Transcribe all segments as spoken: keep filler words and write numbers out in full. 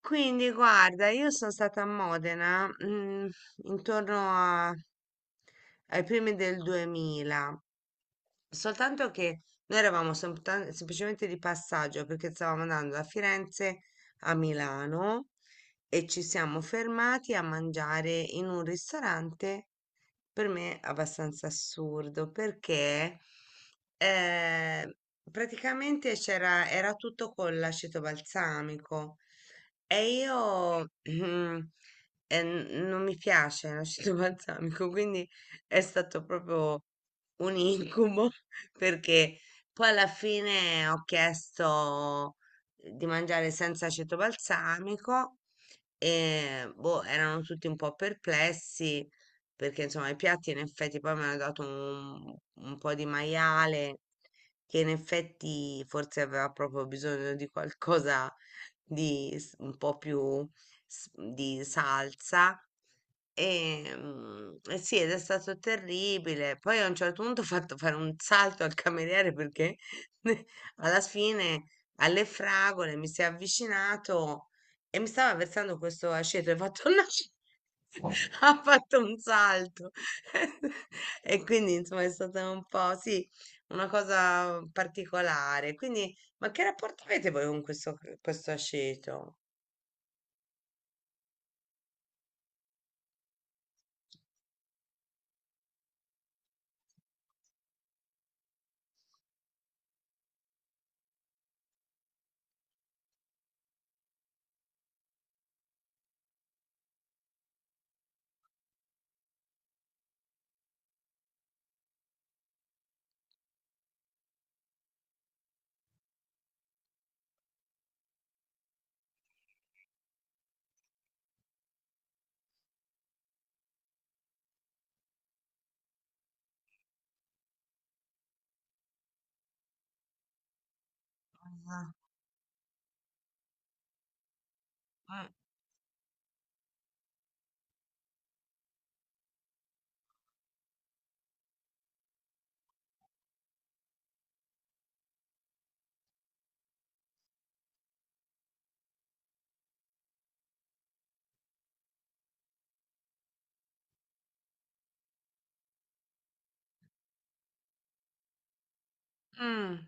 Quindi guarda, io sono stata a Modena, mm, intorno a- ai primi del duemila, soltanto che noi eravamo soltan- semplicemente di passaggio perché stavamo andando da Firenze a Milano e ci siamo fermati a mangiare in un ristorante per me abbastanza assurdo perché eh, praticamente c'era, era tutto con l'aceto balsamico e io mm, eh, n- non mi piace l'aceto balsamico, quindi è stato proprio un incubo perché poi alla fine ho chiesto di mangiare senza aceto balsamico e boh, erano tutti un po' perplessi perché insomma i piatti in effetti poi mi hanno dato un, un po' di maiale che in effetti forse aveva proprio bisogno di qualcosa di s- un po' più s- di salsa. E, mm, e sì, ed è stato terribile. Poi a un certo punto ho fatto fare un salto al cameriere perché alla fine alle fragole mi si è avvicinato e mi stava versando questo aceto e ha fatto "No!" ha fatto un salto e quindi insomma è stata un po' sì, una cosa particolare. Quindi, ma che rapporto avete voi con questo, questo aceto? Ah, mm, mm,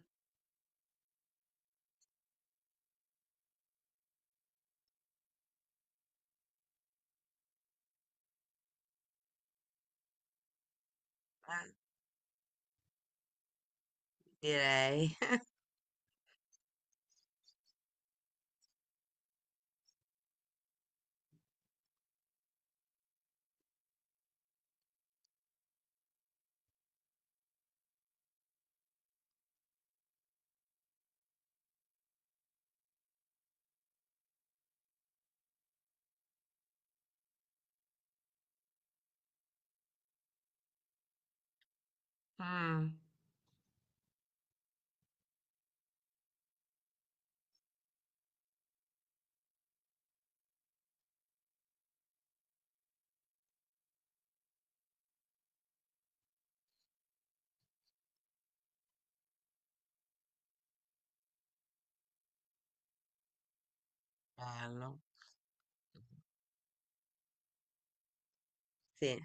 eh, direi. Mm, bello, sì.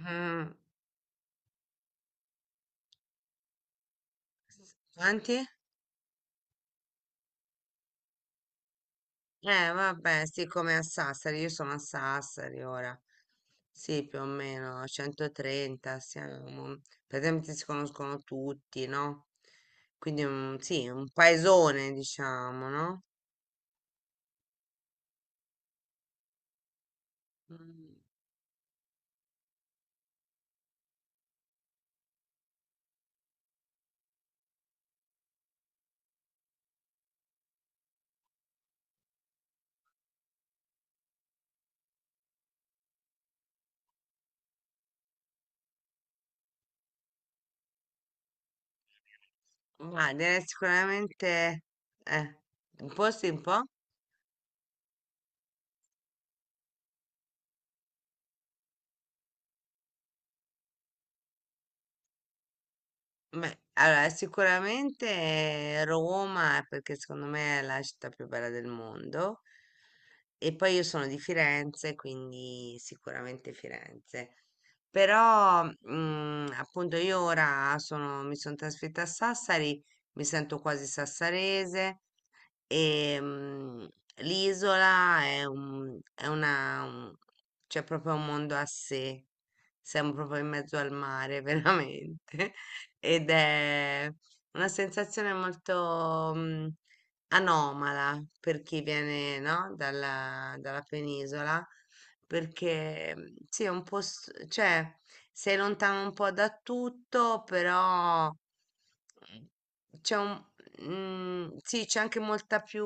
Mm. Quanti? Eh, vabbè, sì, come a Sassari, io sono a Sassari ora. Sì, più o meno, a centotrenta siamo. Praticamente si conoscono tutti, no? Quindi, un- sì, un paesone, diciamo, no? Mm, ma eh, sicuramente, eh, un posto un po'? Beh, allora sicuramente Roma, perché secondo me è la città più bella del mondo. E poi io sono di Firenze, quindi sicuramente Firenze. Però, mm, appunto, io ora sono- mi sono trasferita a Sassari, mi sento quasi sassarese. Ehm, L'isola è un, è una, un- c'è proprio un mondo a sé. Siamo proprio in mezzo al mare, veramente. Ed è una sensazione molto mm, anomala per chi viene, no, dalla, dalla penisola, perché mm, sì, è un po', s- cioè, sei lontano un po' da tutto, però mm, c'è un, mm, sì, c'è anche molta più,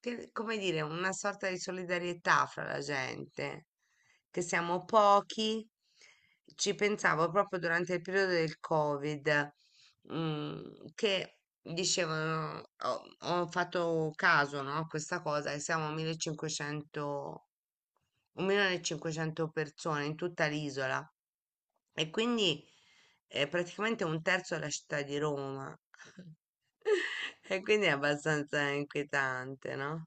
che- come dire, una sorta di solidarietà fra la gente, che siamo pochi. Ci pensavo proprio durante il periodo del Covid, mm, che dicevano, ho, ho fatto caso, no, a questa cosa, che siamo millecinquecento millecinquecento persone in tutta l'isola e quindi è praticamente un terzo della città di Roma. E quindi è abbastanza inquietante, no?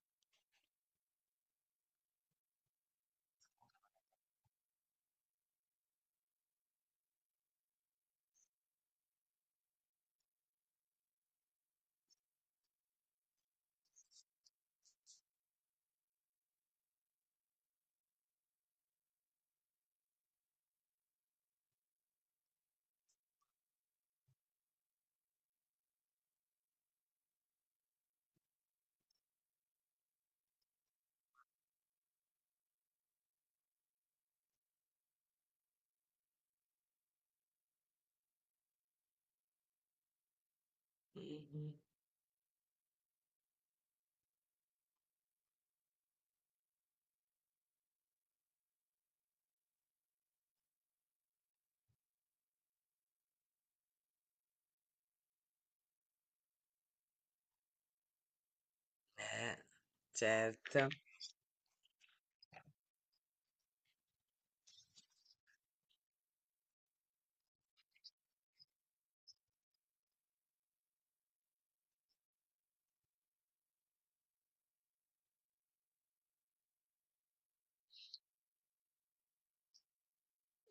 Mhm. Eh, certo.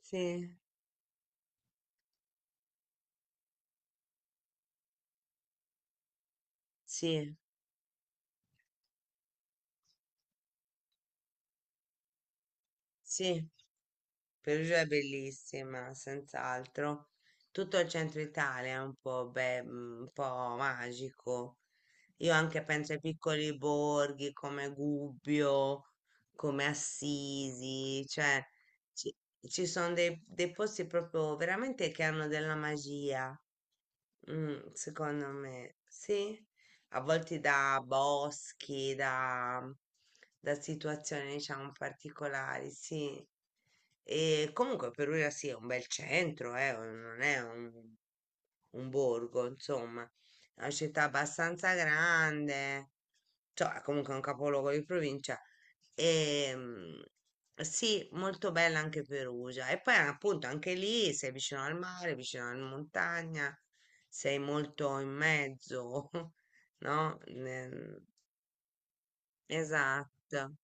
Sì, sì, sì. Perugia è bellissima, senz'altro. Tutto il centro Italia è un po', be- mm, un po' magico. Io anche penso ai piccoli borghi come Gubbio, come Assisi, cioè ci, ci sono dei, dei posti proprio veramente che hanno della magia. Mm, secondo me sì, a volte da boschi, da, mhmm, da situazioni diciamo particolari, sì. E comunque Perugia sì, è un bel centro, eh, non è un, un, borgo, insomma, è una città abbastanza grande, cioè è comunque un capoluogo di provincia. E, mm, sì, molto bella anche Perugia. E poi appunto anche lì sei vicino al mare, vicino alla montagna sei molto in mezzo, no? Nel- Esatto.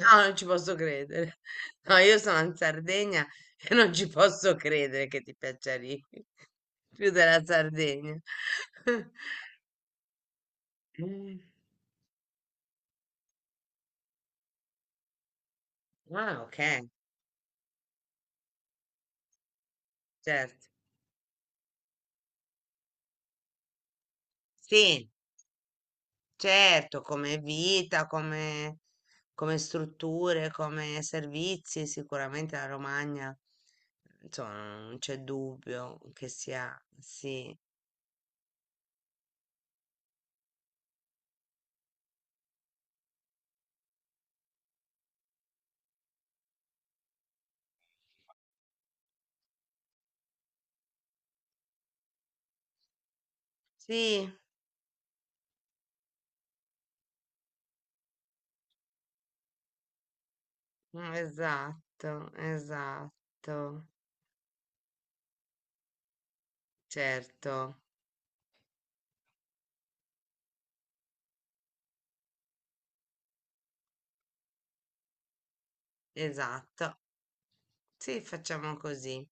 No, non ci posso credere. No, io sono in Sardegna e non ci posso credere che ti piaccia lì più della Sardegna. Mm. Ah, ok, certo. Sì. Certo, come vita, come, come strutture, come servizi, sicuramente la Romagna, insomma, non c'è dubbio che sia, sì, sì, mm, esatto, esatto, certo, esatto, sì, facciamo così.